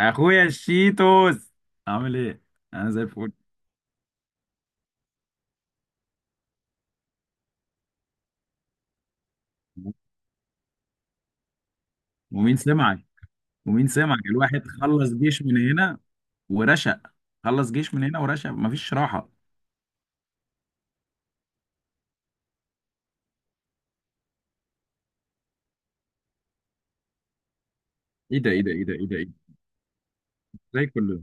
اخويا الشيتوس، عامل ايه؟ انا زي الفل. ومين سمعك ومين سمعك الواحد خلص جيش من هنا ورشق، خلص جيش من هنا ورشق مفيش راحه. ايه ده، ايه ده، ايه ده، ايه ده، ايه ده! زي كل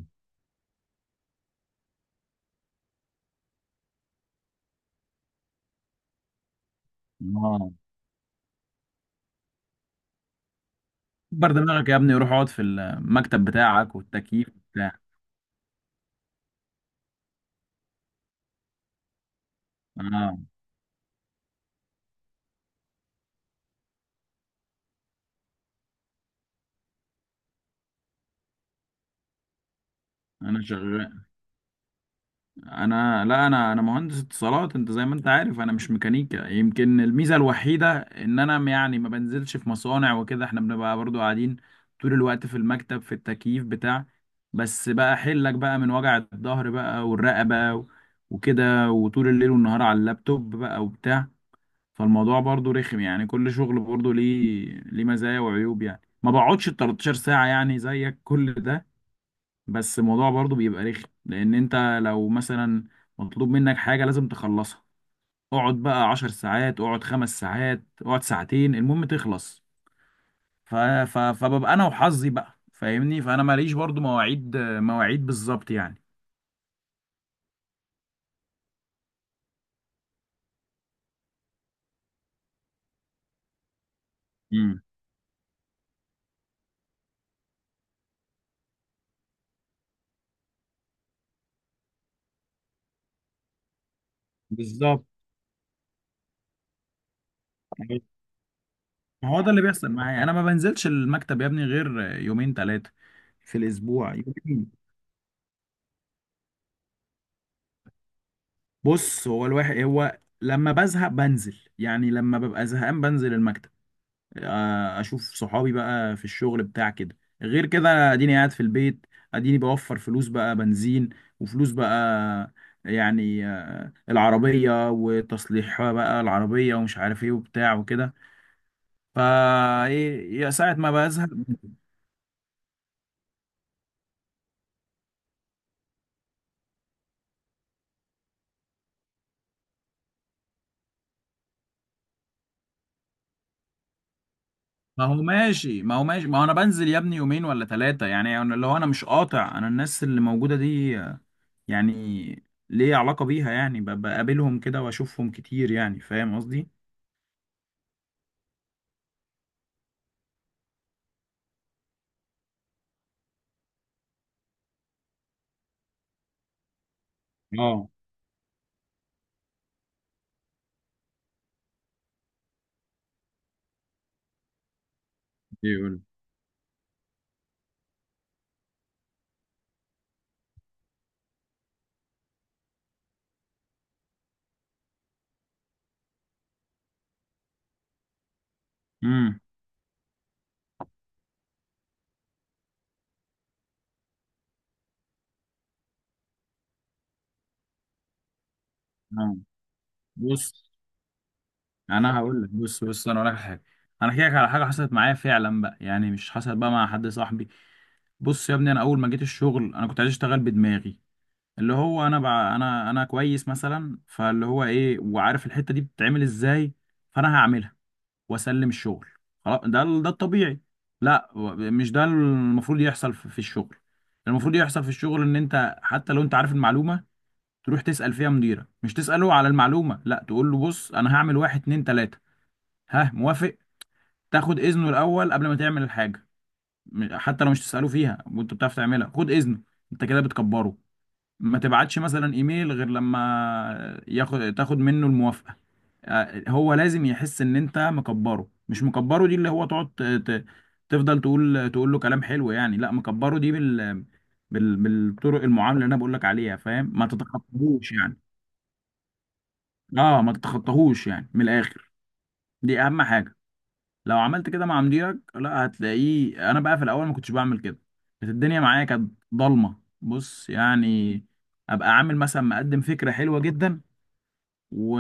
يوم. اه، كبر دماغك يا ابني، روح اقعد في المكتب بتاعك والتكييف بتاعك. اه، انا شغال. انا، لا، انا مهندس اتصالات، انت زي ما انت عارف انا مش ميكانيكا. يمكن الميزه الوحيده ان انا يعني ما بنزلش في مصانع وكده، احنا بنبقى برضو قاعدين طول الوقت في المكتب، في التكييف بتاع. بس بقى حلك بقى من وجع الظهر بقى والرقبه وكده، وطول الليل والنهار على اللابتوب بقى وبتاع. فالموضوع برضو رخم يعني، كل شغل برضو ليه مزايا وعيوب، يعني ما بقعدش 13 ساعه يعني زيك كل ده. بس الموضوع برضو بيبقى رخم لان انت لو مثلا مطلوب منك حاجة لازم تخلصها. اقعد بقى عشر ساعات، اقعد خمس ساعات، اقعد ساعتين، المهم تخلص. ف... فببقى انا وحظي بقى، فاهمني؟ فانا ماليش برضو مواعيد، مواعيد بالظبط يعني. امم بالظبط. ما هو ده اللي بيحصل معايا، انا ما بنزلش المكتب يا ابني غير يومين ثلاثة في الاسبوع، يومين. بص، هو الواحد هو لما بزهق بنزل، يعني لما ببقى زهقان بنزل المكتب. آه، اشوف صحابي بقى في الشغل بتاع كده. غير كده أنا اديني قاعد في البيت، اديني بوفر فلوس بقى بنزين، وفلوس بقى يعني، آه، العربية وتصليح بقى العربية ومش عارف ايه وبتاع وكده. فا ايه يا ساعة ما بزهق. ما هو ماشي، ما هو انا بنزل يا ابني يومين ولا ثلاثة يعني. لو انا مش قاطع، انا الناس اللي موجودة دي آه، يعني ليه علاقة بيها، يعني بقابلهم كده واشوفهم كتير، يعني فاهم قصدي؟ اه، ايوه، امم. بص انا هقول لك، بص بص انا هقول لك على حاجه، انا احكي لك على حاجه حصلت معايا فعلا بقى، يعني مش حصلت بقى مع حد صاحبي. بص يا ابني، انا اول ما جيت الشغل انا كنت عايز اشتغل بدماغي، اللي هو انا بقى انا كويس مثلا، فاللي هو ايه وعارف الحته دي بتتعمل ازاي، فانا هعملها واسلم الشغل خلاص. ده الطبيعي. لا، مش ده المفروض يحصل في الشغل. المفروض يحصل في الشغل ان انت حتى لو انت عارف المعلومه، تروح تسأل فيها مديرك، مش تسأله على المعلومة، لا، تقول له بص انا هعمل واحد اتنين تلاتة، ها موافق؟ تاخد اذنه الاول قبل ما تعمل الحاجة. حتى لو مش تسأله فيها وانت بتعرف تعملها، خد اذنه، انت كده بتكبره. ما تبعتش مثلا ايميل غير لما تاخد منه الموافقة. آه، هو لازم يحس ان انت مكبره. مش مكبره دي اللي هو تقعد تفضل تقول له كلام حلو، يعني لا، مكبره دي بالطرق المعامله اللي انا بقول لك عليها، فاهم؟ ما تتخطاهوش يعني. اه، ما تتخطاهوش يعني من الاخر، دي اهم حاجه. لو عملت كده مع مديرك، لا، هتلاقيه. انا بقى في الاول ما كنتش بعمل كده، كانت الدنيا معايا كانت ضلمه، بص يعني. ابقى عامل مثلا مقدم فكره حلوه جدا و...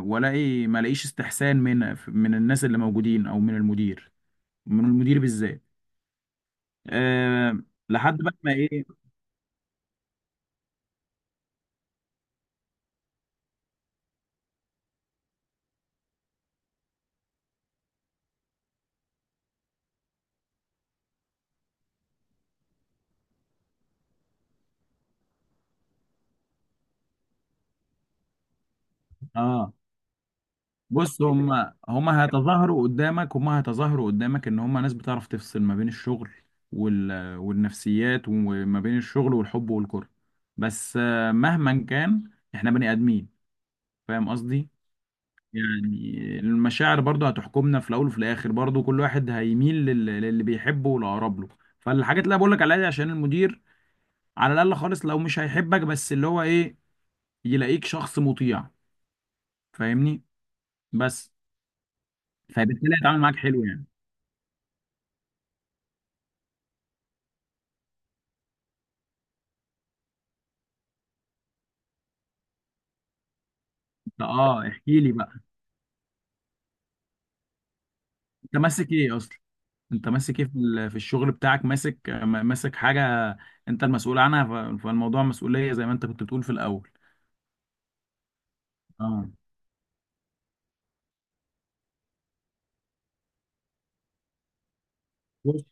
والاقي ما الاقيش استحسان من الناس اللي موجودين او من المدير بالذات. أه... لحد بقى ما ايه. اه، بص، هم هيتظاهروا قدامك، هم هيتظاهروا قدامك ان هم ناس بتعرف تفصل ما بين الشغل والنفسيات، وما بين الشغل والحب والكره. بس آه، مهما كان احنا بني ادمين، فاهم قصدي؟ يعني المشاعر برضو هتحكمنا في الاول وفي الاخر، برضو كل واحد هيميل للي بيحبه والاقرب له. فالحاجات اللي أنا بقول لك عليها دي عشان المدير على الاقل خالص لو مش هيحبك، بس اللي هو ايه، يلاقيك شخص مطيع، فاهمني؟ بس فبالتالي هيتعامل معاك حلو يعني. اه، احكي لي بقى. انت ماسك ايه اصلا؟ انت ماسك ايه في في الشغل بتاعك؟ ماسك ماسك حاجه انت المسؤول عنها. فالموضوع مسؤوليه زي ما انت كنت بتقول في الاول. اه، بص.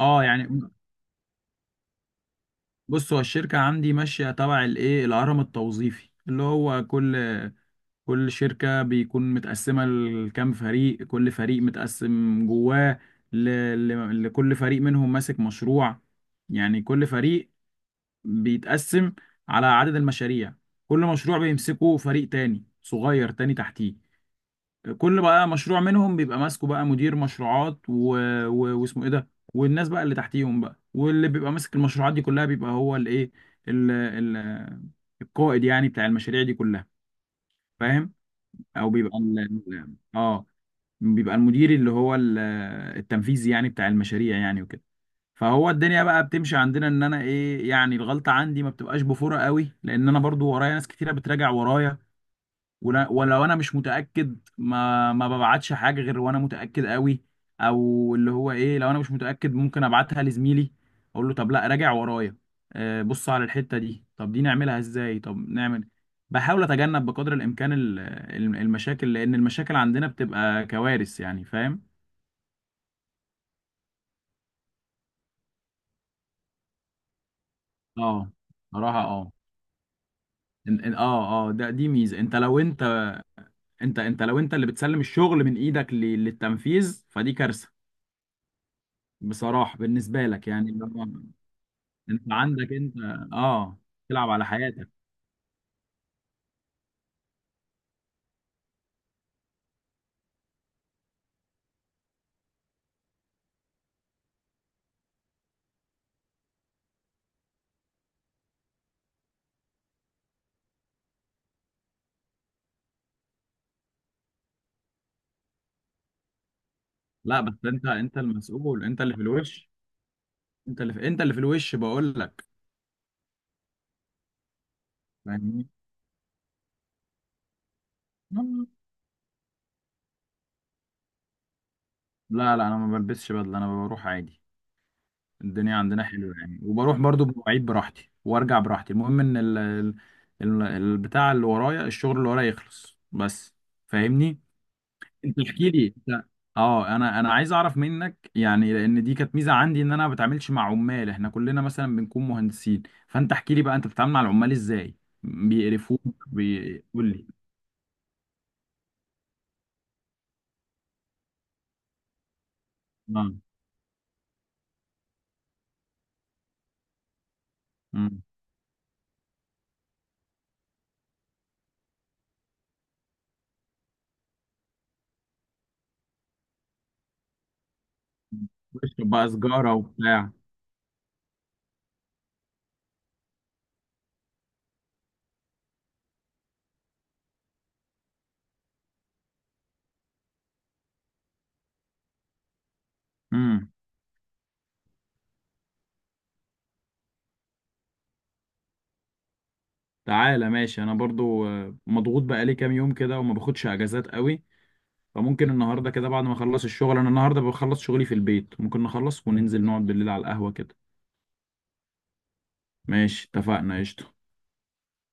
اه يعني، بص، هو الشركه عندي ماشيه تبع الايه، الهرم التوظيفي اللي هو كل شركه بيكون متقسمه لكام فريق، كل فريق متقسم جواه ل... لكل فريق منهم ماسك مشروع. يعني كل فريق بيتقسم على عدد المشاريع، كل مشروع بيمسكه فريق تاني صغير تاني تحتيه. كل بقى مشروع منهم بيبقى ماسكه بقى مدير مشروعات واسمه ايه ده، والناس بقى اللي تحتيهم بقى. واللي بيبقى ماسك المشروعات دي كلها بيبقى هو الايه، ال... ال... القائد يعني بتاع المشاريع دي كلها، فاهم؟ او بيبقى بيبقى المدير اللي هو التنفيذي يعني بتاع المشاريع يعني وكده. فهو الدنيا بقى بتمشي عندنا، ان انا ايه يعني، الغلطه عندي ما بتبقاش بفورة قوي لان انا برضو ورايا ناس كتيره بتراجع ورايا. ولو انا مش متاكد، ما ببعتش حاجه غير وانا متاكد قوي، او اللي هو ايه، لو انا مش متاكد ممكن ابعتها لزميلي، اقول له طب لا، راجع ورايا. آه، بص على الحته دي، طب دي نعملها ازاي، طب نعمل. بحاول اتجنب بقدر الامكان المشاكل، لان المشاكل عندنا بتبقى كوارث يعني، فاهم؟ اه، صراحه اه. إن- إن- اه اه ده دي ميزه، انت لو انت اللي بتسلم الشغل من ايدك للتنفيذ، فدي كارثه، بصراحه بالنسبه لك يعني. اللي هو انت عندك انت اه تلعب على حياتك. لا بس انت المسؤول، انت اللي في الوش، انت اللي في الوش، بقول لك، فاهمني؟ آه. لا لا، انا ما بلبسش بدله، انا بروح عادي. الدنيا عندنا حلوه يعني، وبروح برضو بمواعيد براحتي وارجع براحتي، المهم ان البتاع اللي ورايا الشغل اللي ورايا يخلص بس، فاهمني؟ انت احكي لي، انت اه انا عايز اعرف منك، يعني لان دي كانت ميزه عندي ان انا ما بتعاملش مع عمال، احنا كلنا مثلا بنكون مهندسين. فانت احكي لي بقى، انت بتتعامل مع العمال ازاي؟ بيقرفوك؟ بيقول لي اه، امم بشرب بقى سجاره وبتاع. امم تعالى ماشي، انا برضو آه، مضغوط بقى لي كام يوم كده وما باخدش اجازات قوي، فممكن النهارده كده بعد ما اخلص الشغل، انا النهارده بخلص شغلي في البيت، ممكن نخلص وننزل نقعد بالليل على القهوه كده. ماشي، اتفقنا قشطه.